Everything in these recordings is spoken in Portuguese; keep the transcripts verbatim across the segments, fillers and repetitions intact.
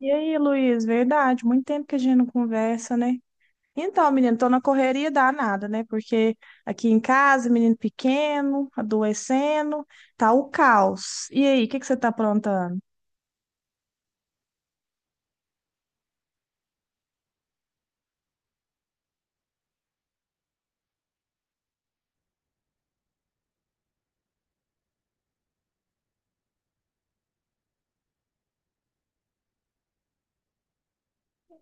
E aí, Luiz, verdade, muito tempo que a gente não conversa, né? Então, menino, tô na correria danada, né? Porque aqui em casa, menino pequeno, adoecendo, tá o caos. E aí, o que que você tá aprontando?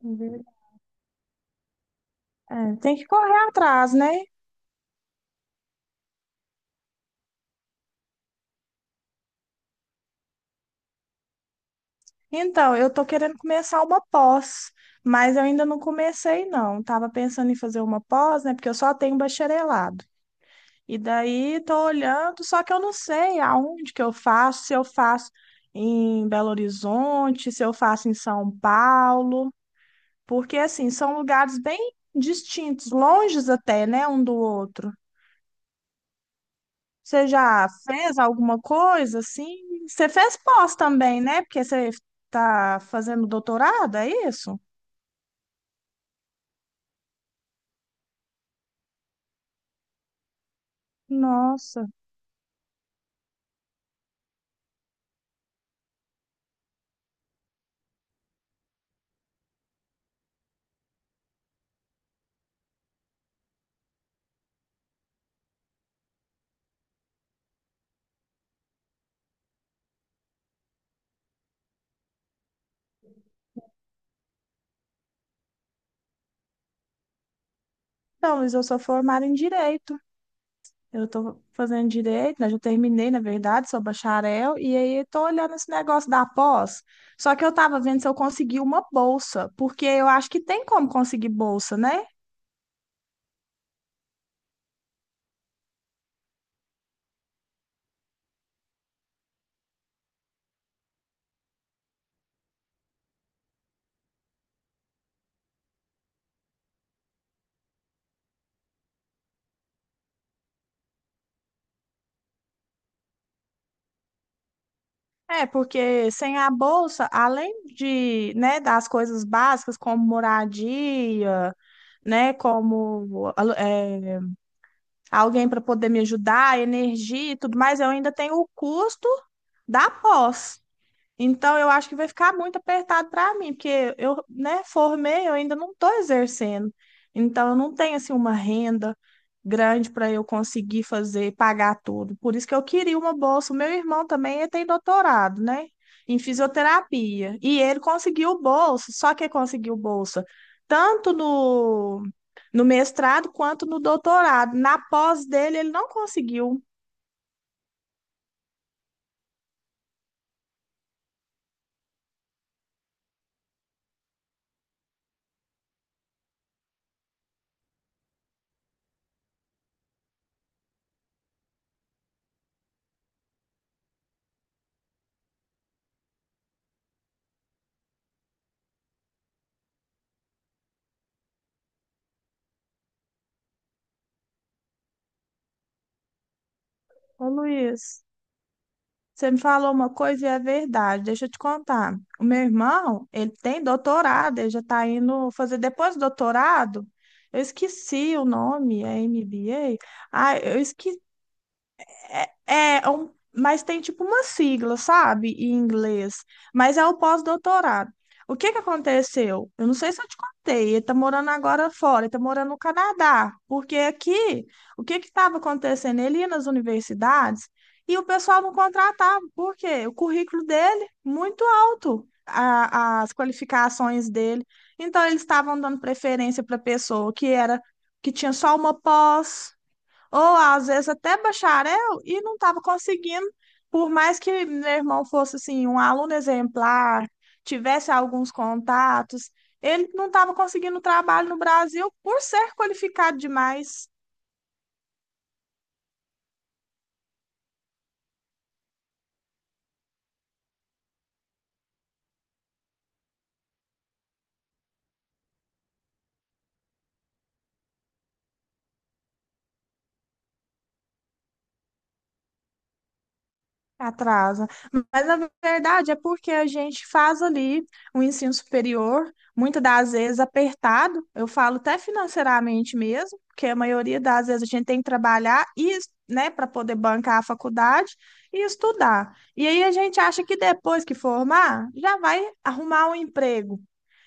Ver- É, tem que correr atrás, né? Então, eu tô querendo começar uma pós, mas eu ainda não comecei, não. Tava pensando em fazer uma pós, né? Porque eu só tenho bacharelado. E daí tô olhando, só que eu não sei aonde que eu faço, se eu faço em Belo Horizonte, se eu faço em São Paulo, porque assim, são lugares bem distintos, longes até, né, um do outro. Você já fez alguma coisa assim? Você fez pós também, né? Porque você tá fazendo doutorado, é isso? Nossa. Então, Luiz, eu sou formada em direito. Eu estou fazendo direito, né? Já terminei, na verdade, sou bacharel, e aí estou olhando esse negócio da pós. Só que eu estava vendo se eu consegui uma bolsa, porque eu acho que tem como conseguir bolsa, né? É, porque sem a bolsa, além de, né, das coisas básicas como moradia, né, como alu- é, alguém para poder me ajudar, energia e tudo mais, eu ainda tenho o custo da pós. Então, eu acho que vai ficar muito apertado para mim, porque eu, né, formei, eu ainda não estou exercendo. Então, eu não tenho assim uma renda grande para eu conseguir fazer, pagar tudo. Por isso que eu queria uma bolsa. O meu irmão também, ele tem doutorado, né, em fisioterapia. E ele conseguiu bolsa, só que ele conseguiu bolsa tanto no no mestrado quanto no doutorado. Na pós dele, ele não conseguiu. Ô, Luiz. Você me falou uma coisa e é verdade. Deixa eu te contar. O meu irmão, ele tem doutorado, ele já está indo fazer depois do doutorado. Eu esqueci o nome, é M B A? Ah, eu esqueci, é, é um, mas tem tipo uma sigla, sabe? Em inglês. Mas é o pós-doutorado. O que que aconteceu? Eu não sei se eu te contei. Ele tá morando agora fora, ele tá morando no Canadá. Porque aqui, o que que estava acontecendo? Ele ia nas universidades e o pessoal não contratava. Por quê? O currículo dele, muito alto, a- as qualificações dele. Então, eles estavam dando preferência para pessoa que era, que tinha só uma pós ou às vezes até bacharel, e não estava conseguindo, por mais que meu irmão fosse assim, um aluno exemplar, tivesse alguns contatos, ele não estava conseguindo trabalho no Brasil por ser qualificado demais. Atrasa. Mas na verdade é porque a gente faz ali o ensino superior, muitas das vezes apertado, eu falo até financeiramente mesmo, porque a maioria das vezes a gente tem que trabalhar e, es- né, para poder bancar a faculdade e estudar. E aí a gente acha que depois que formar, já vai arrumar um emprego.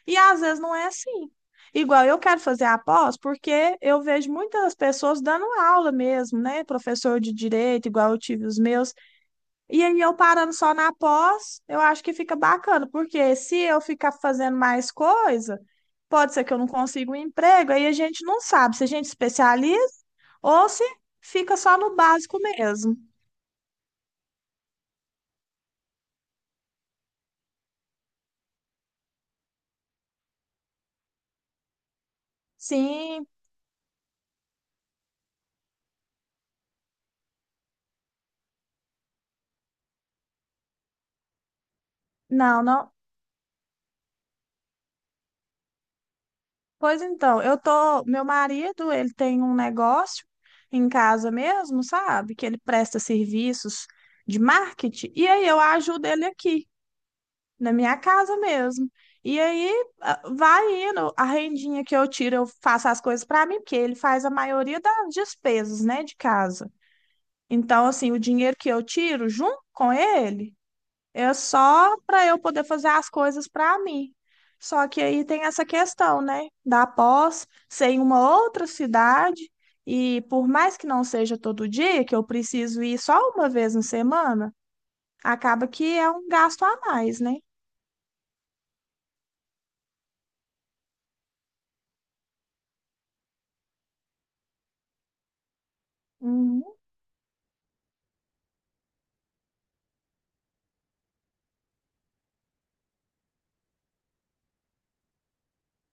E às vezes não é assim. Igual eu quero fazer a pós, porque eu vejo muitas pessoas dando aula mesmo, né? Professor de direito, igual eu tive os meus. E aí eu parando só na pós, eu acho que fica bacana, porque se eu ficar fazendo mais coisa, pode ser que eu não consiga um emprego, aí a gente não sabe se a gente especializa ou se fica só no básico mesmo. Sim, não, não. Pois então, eu tô, meu marido, ele tem um negócio em casa mesmo, sabe? Que ele presta serviços de marketing, e aí eu ajudo ele aqui. Na minha casa mesmo. E aí ah, vai indo, a rendinha que eu tiro, eu faço as coisas para mim, porque ele faz a maioria das despesas, né, de casa. Então, assim, o dinheiro que eu tiro junto com ele é só para eu poder fazer as coisas para mim. Só que aí tem essa questão, né, da pós ser em uma outra cidade e por mais que não seja todo dia, que eu preciso ir só uma vez na semana, acaba que é um gasto a mais, né? Uhum.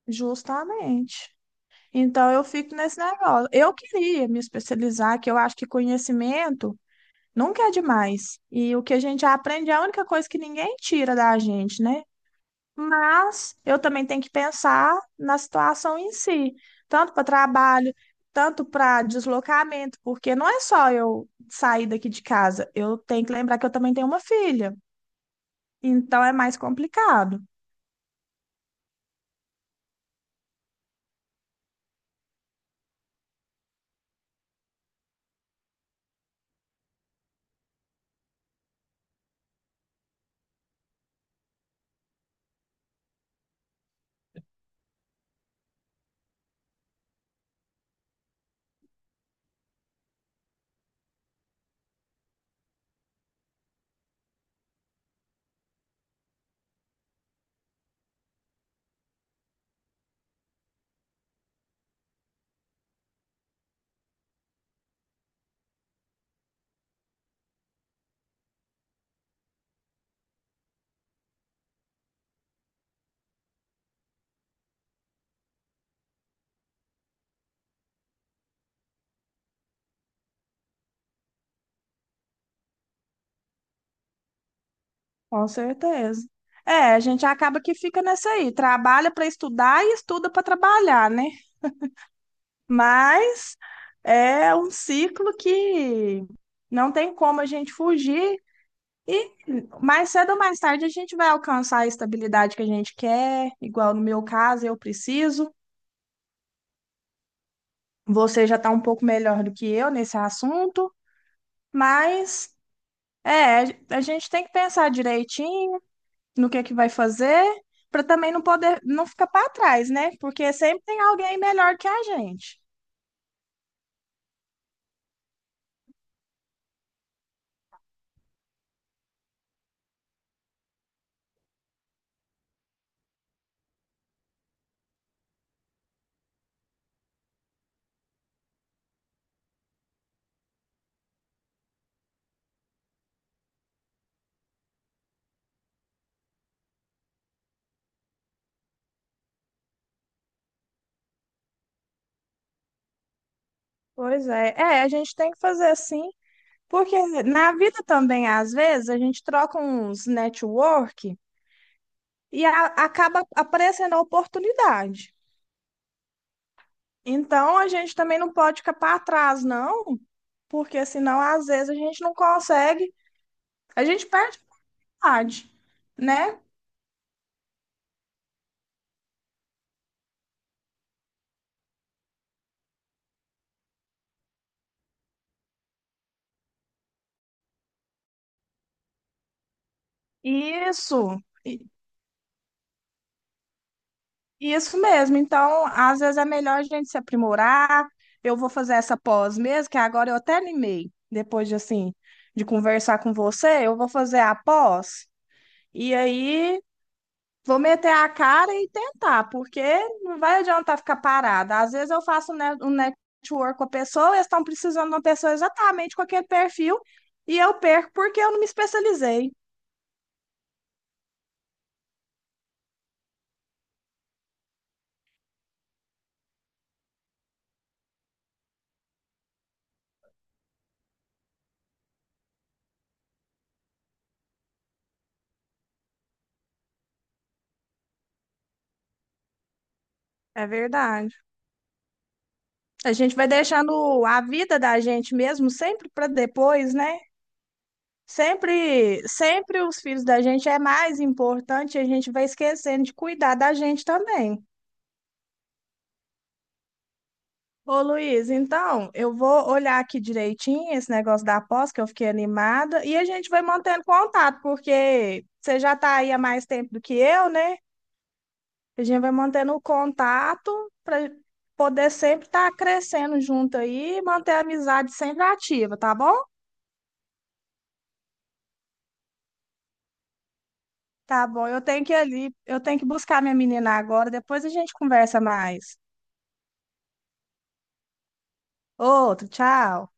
Justamente. Então eu fico nesse negócio. Eu queria me especializar, que eu acho que conhecimento nunca é demais. E o que a gente aprende é a única coisa que ninguém tira da gente, né? Mas eu também tenho que pensar na situação em si, tanto para trabalho, tanto para deslocamento, porque não é só eu sair daqui de casa, eu tenho que lembrar que eu também tenho uma filha. Então é mais complicado. Com certeza. É, a gente acaba que fica nessa aí, trabalha para estudar e estuda para trabalhar, né? Mas é um ciclo que não tem como a gente fugir e mais cedo ou mais tarde a gente vai alcançar a estabilidade que a gente quer, igual no meu caso, eu preciso. Você já está um pouco melhor do que eu nesse assunto, mas é, a gente tem que pensar direitinho no que é que vai fazer, para também não poder não ficar para trás, né? Porque sempre tem alguém melhor que a gente. Pois é, é, a gente tem que fazer assim, porque na vida também, às vezes, a gente troca uns network e a- acaba aparecendo a oportunidade. Então, a gente também não pode ficar para trás, não, porque senão, às vezes, a gente não consegue, a gente perde a vontade, né? Isso. Isso mesmo. Então, às vezes é melhor a gente se aprimorar. Eu vou fazer essa pós mesmo, que agora eu até animei, depois de assim, de conversar com você, eu vou fazer a pós e aí vou meter a cara e tentar, porque não vai adiantar ficar parada. Às vezes eu faço um ne- um network com a pessoa, eles estão precisando de uma pessoa exatamente com aquele perfil e eu perco porque eu não me especializei. É verdade. A gente vai deixando a vida da gente mesmo sempre para depois, né? Sempre, sempre os filhos da gente é mais importante, e a gente vai esquecendo de cuidar da gente também. Ô Luiz, então, eu vou olhar aqui direitinho esse negócio da aposta, que eu fiquei animada, e a gente vai mantendo contato, porque você já está aí há mais tempo do que eu, né? A gente vai mantendo o contato para poder sempre estar crescendo junto aí, e manter a amizade sempre ativa, tá bom? Tá bom, eu tenho que ir ali, eu tenho que buscar minha menina agora, depois a gente conversa mais. Outro, tchau.